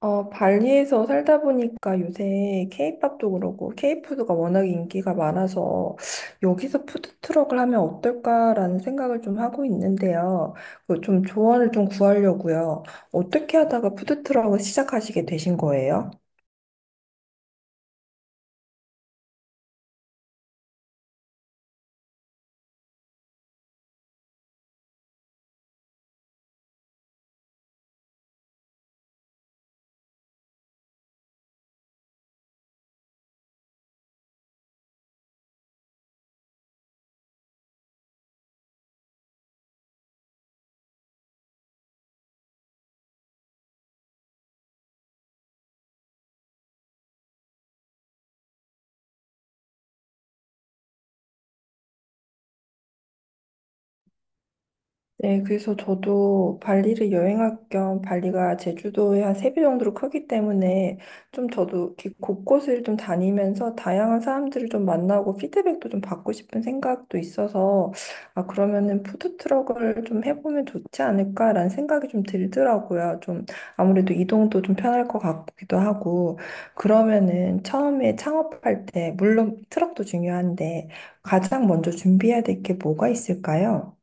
발리에서 살다 보니까 요새 케이팝도 그렇고 케이푸드가 워낙 인기가 많아서 여기서 푸드트럭을 하면 어떨까라는 생각을 좀 하고 있는데요. 그좀 조언을 좀 구하려고요. 어떻게 하다가 푸드트럭을 시작하시게 되신 거예요? 네, 그래서 저도 발리를 여행할 겸 발리가 제주도의 한 세 배 정도로 크기 때문에 좀 저도 이렇게 곳곳을 좀 다니면서 다양한 사람들을 좀 만나고 피드백도 좀 받고 싶은 생각도 있어서 아, 그러면은 푸드트럭을 좀 해보면 좋지 않을까라는 생각이 좀 들더라고요. 좀 아무래도 이동도 좀 편할 것 같기도 하고 그러면은 처음에 창업할 때 물론 트럭도 중요한데 가장 먼저 준비해야 될 게 뭐가 있을까요?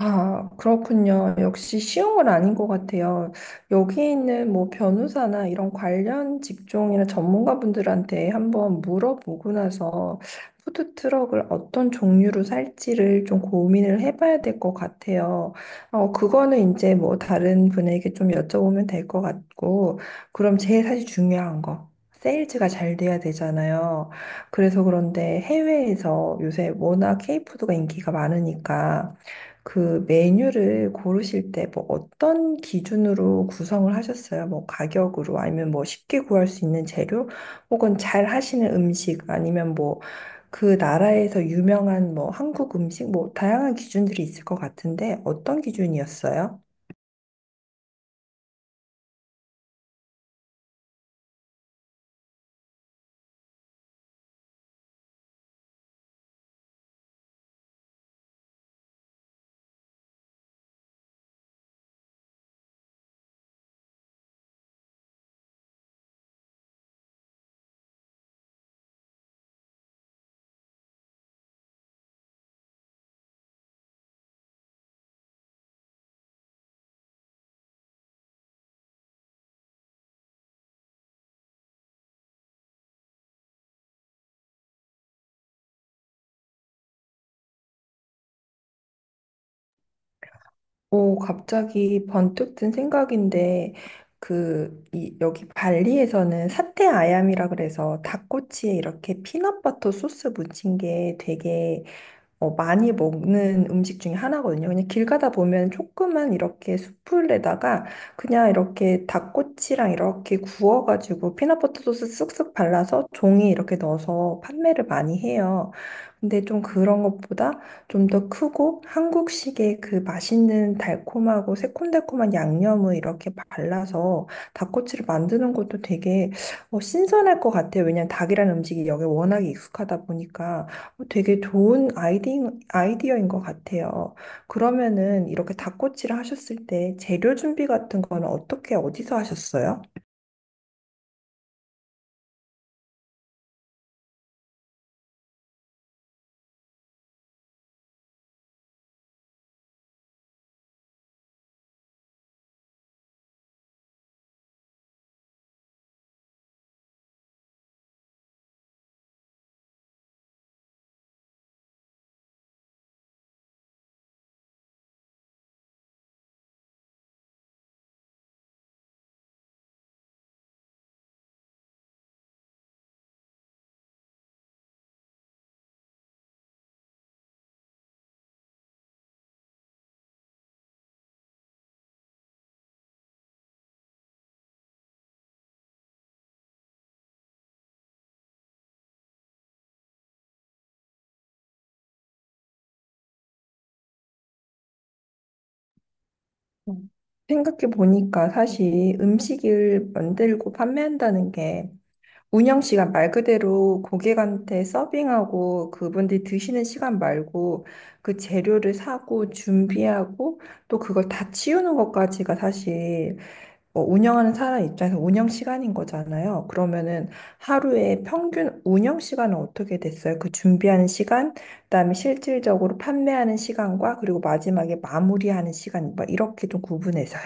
아, 그렇군요. 역시 쉬운 건 아닌 것 같아요. 여기 있는 뭐 변호사나 이런 관련 직종이나 전문가분들한테 한번 물어보고 나서 푸드트럭을 어떤 종류로 살지를 좀 고민을 해봐야 될 것 같아요. 그거는 이제 뭐 다른 분에게 좀 여쭤보면 될 것 같고, 그럼 제일 사실 중요한 거. 세일즈가 잘 돼야 되잖아요. 그래서 그런데 해외에서 요새 워낙 케이푸드가 인기가 많으니까 그 메뉴를 고르실 때 뭐 어떤 기준으로 구성을 하셨어요? 뭐 가격으로 아니면 뭐 쉽게 구할 수 있는 재료 혹은 잘 하시는 음식 아니면 뭐 그 나라에서 유명한 뭐 한국 음식 뭐 다양한 기준들이 있을 것 같은데 어떤 기준이었어요? 오, 갑자기 번뜩 든 생각인데 그 이, 여기 발리에서는 사테 아얌이라 그래서 닭꼬치에 이렇게 피넛버터 소스 묻힌 게 되게 많이 먹는 음식 중에 하나거든요. 그냥 길 가다 보면 조그만 이렇게 숯불에다가 그냥 이렇게 닭꼬치랑 이렇게 구워가지고 피넛버터 소스 쓱쓱 발라서 종이 이렇게 넣어서 판매를 많이 해요. 근데 좀 그런 것보다 좀 더 크고 한국식의 그 맛있는 달콤하고 새콤달콤한 양념을 이렇게 발라서 닭꼬치를 만드는 것도 되게 신선할 것 같아요. 왜냐면 닭이라는 음식이 여기 워낙에 익숙하다 보니까. 어, 되게 좋은 아이디어인 것 같아요. 그러면은 이렇게 닭꼬치를 하셨을 때 재료 준비 같은 거는 어떻게, 어디서 하셨어요? 음. 생각해 보니까 사실 음식을 만들고 판매한다는 게 운영 시간 말 그대로 고객한테 서빙하고 그분들이 드시는 시간 말고 그 재료를 사고 준비하고 또 그걸 다 치우는 것까지가 사실 뭐 운영하는 사람 입장에서 운영 시간인 거잖아요. 그러면은 하루에 평균 운영 시간은 어떻게 됐어요? 그 준비하는 시간, 그다음에 실질적으로 판매하는 시간과 그리고 마지막에 마무리하는 시간, 막 이렇게 좀 구분해서요.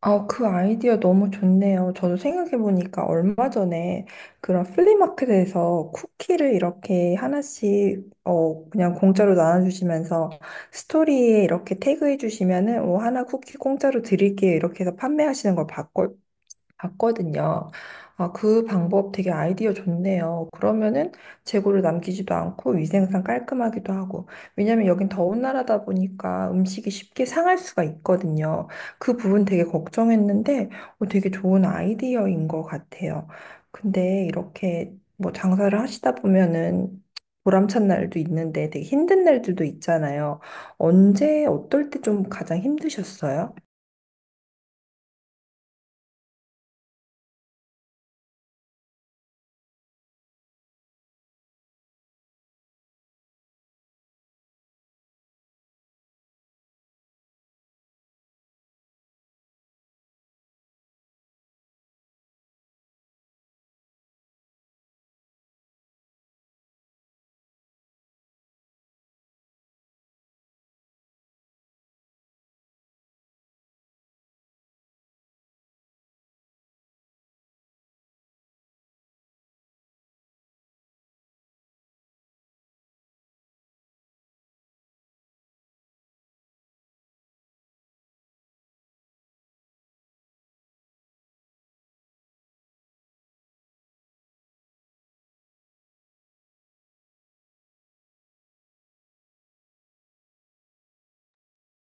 아, 그 아이디어 너무 좋네요. 저도 생각해보니까 얼마 전에 그런 플리마켓에서 쿠키를 이렇게 하나씩, 그냥 공짜로 나눠주시면서 스토리에 이렇게 태그해주시면은, 뭐, 하나 쿠키 공짜로 드릴게요. 이렇게 해서 판매하시는 걸 봤거든요. 아, 그 방법 되게 아이디어 좋네요. 그러면은 재고를 남기지도 않고 위생상 깔끔하기도 하고. 왜냐면 여긴 더운 나라다 보니까 음식이 쉽게 상할 수가 있거든요. 그 부분 되게 걱정했는데 되게 좋은 아이디어인 것 같아요. 근데 이렇게 뭐 장사를 하시다 보면은 보람찬 날도 있는데 되게 힘든 날들도 있잖아요. 언제, 어떨 때 좀 가장 힘드셨어요?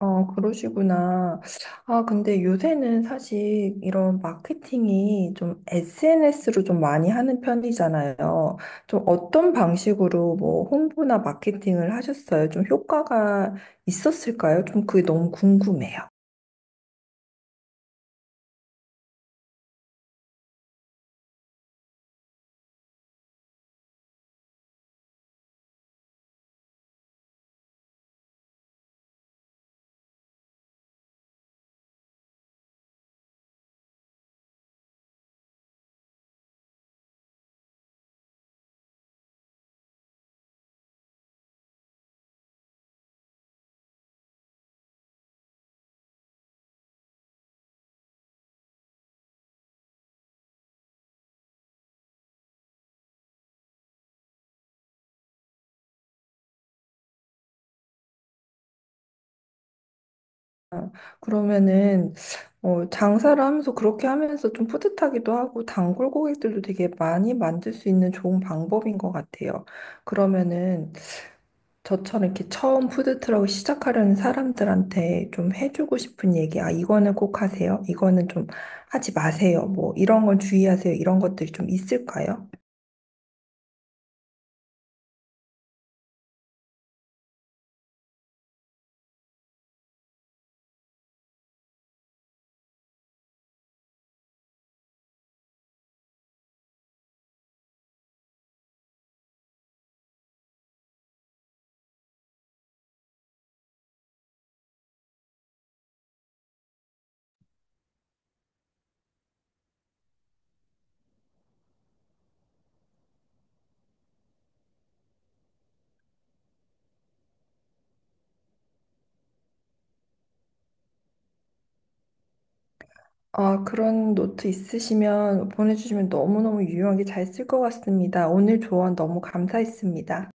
어, 그러시구나. 아, 근데 요새는 사실 이런 마케팅이 좀 SNS로 좀 많이 하는 편이잖아요. 좀 어떤 방식으로 뭐 홍보나 마케팅을 하셨어요? 좀 효과가 있었을까요? 좀 그게 너무 궁금해요. 그러면은, 장사를 하면서 그렇게 하면서 좀 뿌듯하기도 하고, 단골 고객들도 되게 많이 만들 수 있는 좋은 방법인 것 같아요. 그러면은, 저처럼 이렇게 처음 푸드트럭을 시작하려는 사람들한테 좀 해주고 싶은 얘기, 아, 이거는 꼭 하세요. 이거는 좀 하지 마세요. 뭐, 이런 건 주의하세요. 이런 것들이 좀 있을까요? 아, 그런 노트 있으시면 보내주시면 너무너무 유용하게 잘 쓸 것 같습니다. 오늘 조언 너무 감사했습니다.